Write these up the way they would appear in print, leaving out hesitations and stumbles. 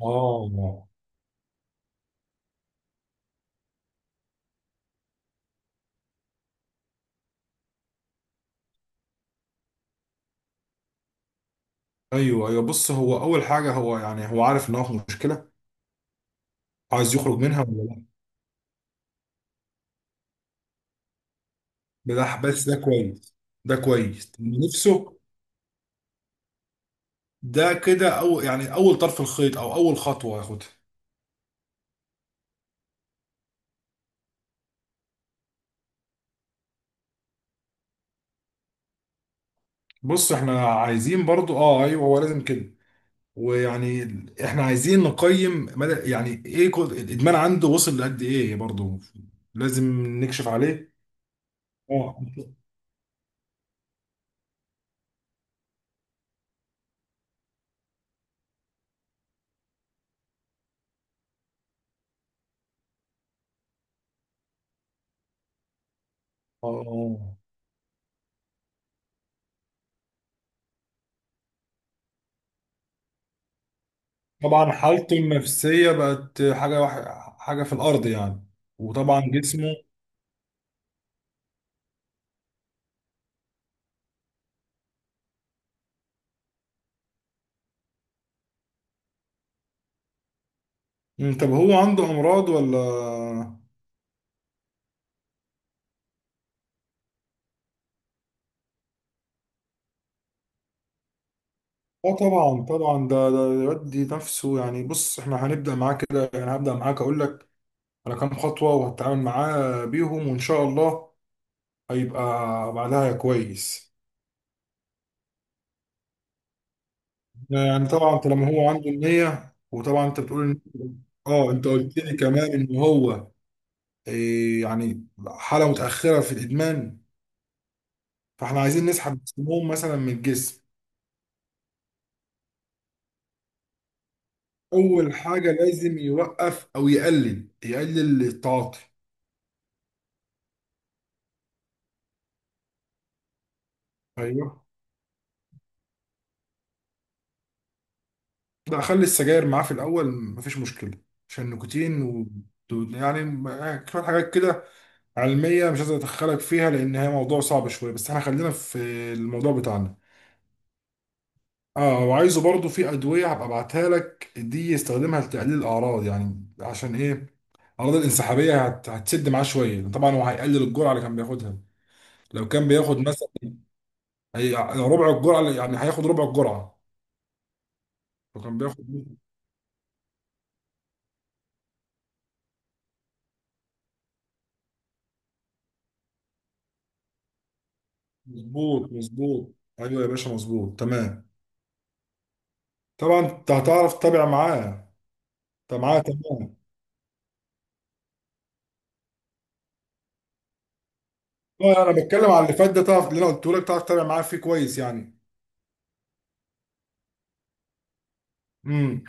اه ايوه بص هو اول حاجه، هو عارف ان هو في مشكله، عايز يخرج منها ولا لا؟ بس ده كويس. ده كويس. نفسه ده، كده او يعني اول طرف الخيط او اول خطوه ياخدها. بص احنا عايزين برضو، اه ايوه هو لازم كده. ويعني احنا عايزين نقيم مدى يعني ايه الادمان عنده وصل لقد ايه برضو. لازم نكشف عليه. اه اه. طبعا حالته النفسية بقت حاجة في الأرض يعني، وطبعا جسمه. طب هو عنده أمراض ولا؟ اه طبعا طبعا، ده يودي نفسه يعني. بص احنا هنبدأ معاه كده، يعني هبدأ معاك أقول لك على كام خطوة وهتعامل معاه بيهم، وإن شاء الله هيبقى بعدها كويس. يعني طبعا طالما هو عنده النية، وطبعا أنت بتقول إن، اه انت قلت لي كمان ان هو إيه، يعني حاله متاخره في الادمان، فاحنا عايزين نسحب السموم مثلا من الجسم. اول حاجه لازم يوقف او يقلل، التعاطي. ايوه لا، خلي السجاير معاه في الاول مفيش مشكله، عشان النيكوتين و... يعني شويه حاجات كده علميه مش عايز ادخلك فيها لان هي موضوع صعب شويه، بس احنا خلينا في الموضوع بتاعنا. اه وعايزه برضو في ادويه هبقى ابعتها لك دي، يستخدمها لتقليل الاعراض، يعني عشان ايه الاعراض الانسحابيه هتسد معاه شويه. طبعا هو هيقلل الجرعه اللي كان بياخدها. لو كان بياخد مثلا، هي ربع الجرعه يعني هياخد ربع الجرعه. فكان بياخد، مظبوط مظبوط، ايوه يا باشا مظبوط تمام. طبعا انت هتعرف تتابع معاه، انت معاه تمام. اه انا بتكلم على اللي فات ده، تعرف اللي انا قلته لك تعرف تتابع معاه فيه كويس يعني. امم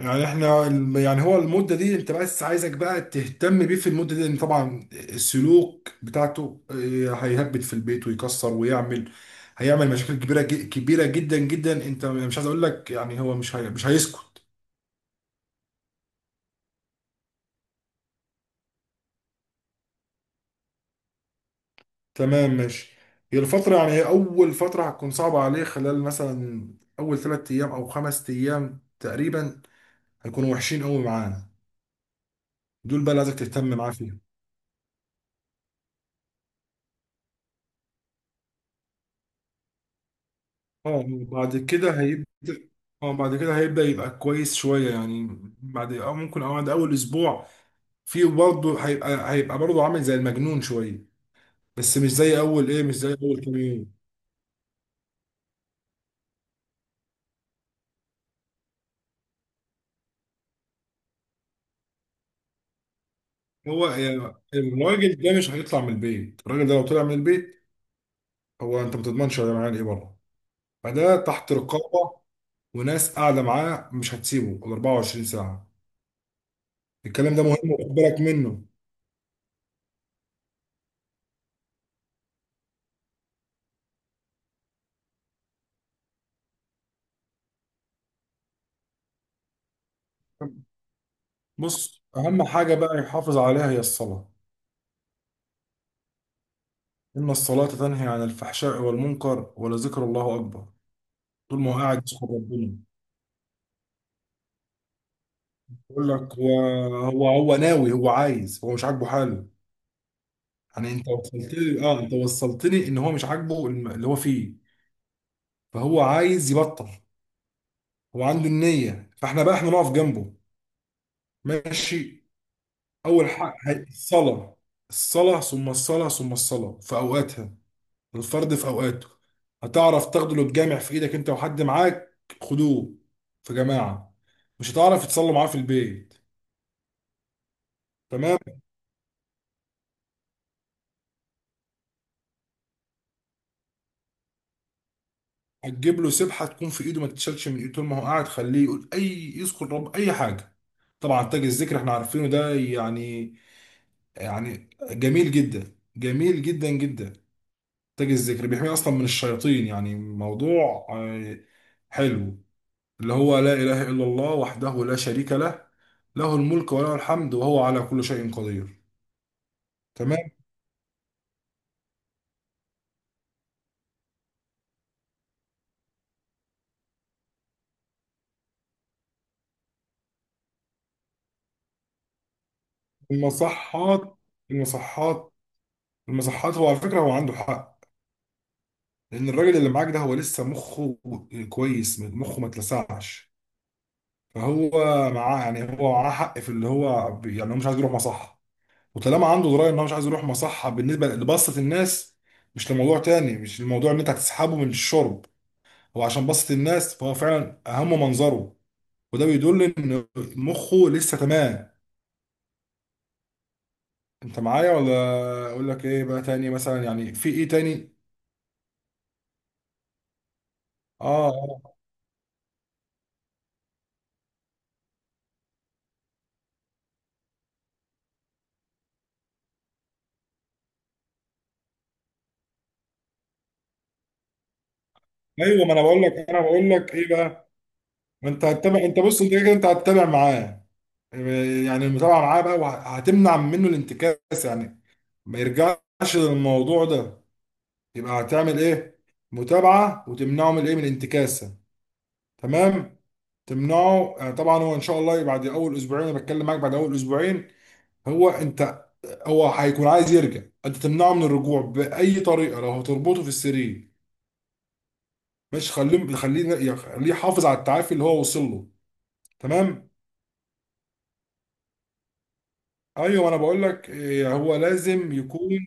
يعني احنا يعني هو المده دي، انت بس عايزك بقى تهتم بيه في المده دي، لان طبعا السلوك بتاعته هيهبط في البيت ويكسر ويعمل، هيعمل مشاكل كبيره جدا جدا، انت مش عايز اقول لك، يعني هو مش هيسكت. تمام ماشي. هي الفترة، يعني هي أول فترة هتكون صعبة عليه، خلال مثلا أول ثلاث أيام أو خمس أيام تقريبا، هيكونوا وحشين أوي معانا. دول بقى اللي عايزك تهتم معاه فيهم. اه بعد كده هيبدأ، اه بعد كده هيبدأ يبقى كويس شوية، يعني بعد أو ممكن أو بعد أول أسبوع فيه برضه، هيبقى، برضه عامل زي المجنون شوية، بس مش زي أول إيه، مش زي أول كام يوم. هو يعني الراجل ده مش هيطلع من البيت. الراجل ده لو طلع من البيت، هو أنت ما تضمنش هيعمل إيه بره. فده تحت رقابة، وناس قاعدة معاه مش هتسيبه ال 24 ساعة. الكلام ده مهم وخد بالك منه. بص أهم حاجة بقى يحافظ عليها هي الصلاة. إن الصلاة تنهي عن الفحشاء والمنكر، ولذكر الله أكبر. طول ما هو قاعد يذكر ربنا، يقول لك هو، هو ناوي، هو عايز، هو مش عاجبه حاله. يعني أنت وصلتني، أه أنت وصلتني إن هو مش عاجبه اللي هو فيه، فهو عايز يبطل. هو عنده النية، فإحنا بقى إحنا نقف جنبه، ماشي؟ أول حق الصلاة. الصلاة، ثم الصلاة، ثم الصلاة في أوقاتها، الفرد في أوقاته. هتعرف تاخده، لو تجامع في إيدك أنت وحد معاك، خدوه في جماعة. مش هتعرف تصلوا معاه في البيت؟ تمام. هتجيب له سبحة تكون في إيده ما تتشالش من إيده. طول ما هو قاعد، خليه يقول، أي يذكر رب، أي حاجة. طبعا تاج الذكر احنا عارفينه ده يعني، يعني جميل جدا، جدا. تاج الذكر بيحميه أصلا من الشياطين، يعني موضوع حلو. اللي هو لا إله إلا الله وحده لا شريك له، له الملك وله الحمد وهو على كل شيء قدير. تمام. المصحات. المصحات المصحات هو على فكرة هو عنده حق، لأن الراجل اللي معاك ده هو لسه مخه كويس، مخه ما اتلسعش. فهو معاه، يعني هو معاه حق في اللي هو يعني هو مش عايز يروح مصحة. وطالما عنده دراية إن هو مش عايز يروح مصحة بالنسبة لبسط الناس، مش لموضوع تاني، مش الموضوع إن أنت هتسحبه من الشرب، هو عشان بسط الناس، فهو فعلا أهم منظره. وده بيدل ان مخه لسه تمام. انت معايا ولا؟ اقول لك ايه بقى تاني، مثلا يعني في ايه تاني؟ اه آه. ايوه، ما انا بقول لك، ايه بقى، ما انت هتتابع. انت بص، انت كده كده انت هتتابع معاه، يعني المتابعه معاه بقى، وهتمنع منه الانتكاس، يعني ما يرجعش للموضوع ده. يبقى هتعمل ايه، متابعه، وتمنعه من ايه، من الانتكاسه. تمام. تمنعه، طبعا هو ان شاء الله بعد اول اسبوعين، انا بتكلم معاك بعد اول اسبوعين، هو انت هو هيكون عايز يرجع. انت تمنعه من الرجوع باي طريقه، لو هتربطه في السرير مش، خليه يحافظ على التعافي اللي هو وصل له. تمام. ايوه انا بقول لك هو لازم يكون،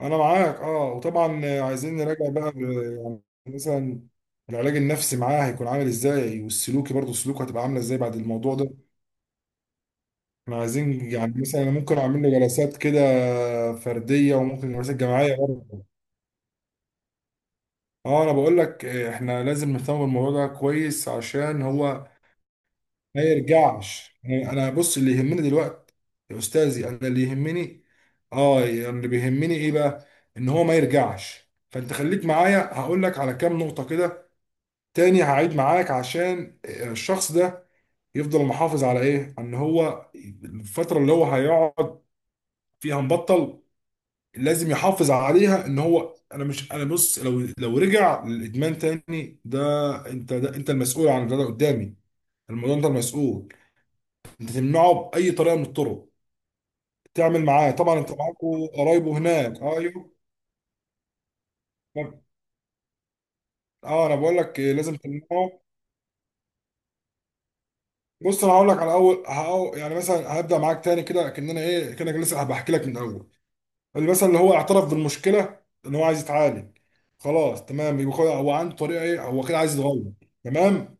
انا معاك. اه وطبعا عايزين نراجع بقى يعني مثلا، العلاج النفسي معاه هيكون عامل ازاي، والسلوكي برضه، سلوكه هتبقى عامله ازاي بعد الموضوع ده. احنا عايزين يعني مثلا، أنا ممكن اعمل له جلسات كده فرديه، وممكن جلسات جماعيه برضه. اه انا بقول لك احنا لازم نهتم بالموضوع ده كويس عشان هو ما يرجعش. يعني انا بص، اللي يهمني دلوقتي يا استاذي، انا اللي يهمني، اه يعني اللي بيهمني ايه بقى، ان هو ما يرجعش. فانت خليك معايا، هقول لك على كام نقطة كده تاني، هعيد معاك، عشان الشخص ده يفضل محافظ على ايه، ان هو الفترة اللي هو هيقعد فيها مبطل، لازم يحافظ عليها. ان هو انا مش انا بص لو، رجع للادمان تاني ده، انت، ده انت المسؤول عن ده. ده قدامي الموضوع، انت المسؤول. انت تمنعه باي طريقه من الطرق تعمل معاه. طبعا انت معاكوا قرايبه هناك، ايوه. طب- اه انا بقول لك لازم تمنعه. بص انا هقول لك على اول، يعني مثلا هبدا معاك تاني كده، كاننا ايه، كانك لسه بحكي لك من الاول. اللي مثلا اللي هو اعترف بالمشكله، ان هو عايز يتعالج، خلاص تمام، يبقى هو هو عنده طريقه ايه، هو كده عايز يتغير. تمام.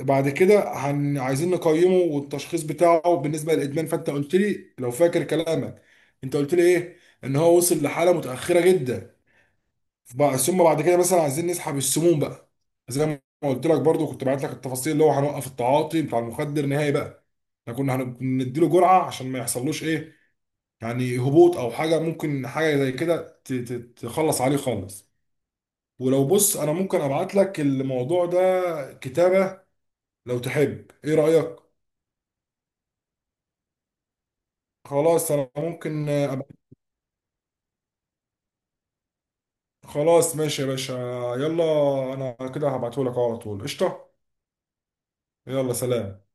بعد كده عايزين نقيمه، والتشخيص بتاعه بالنسبه للادمان، فانت قلت لي لو فاكر كلامك، انت قلت لي ايه، ان هو وصل لحاله متاخره جدا، بقى. ثم بعد كده مثلا عايزين نسحب السموم بقى، زي ما قلت لك برضو كنت بعت لك التفاصيل، اللي هو هنوقف التعاطي بتاع المخدر نهائي بقى. احنا كنا هنديله جرعه عشان ما يحصلوش ايه، يعني هبوط او حاجه، ممكن حاجه زي كده تخلص عليه خالص. ولو بص انا ممكن ابعت لك الموضوع ده كتابه لو تحب، ايه رايك؟ خلاص انا ممكن أبقى... خلاص ماشي يا باشا. يلا انا كده هبعتهولك أهو على طول، قشطه. يلا سلام.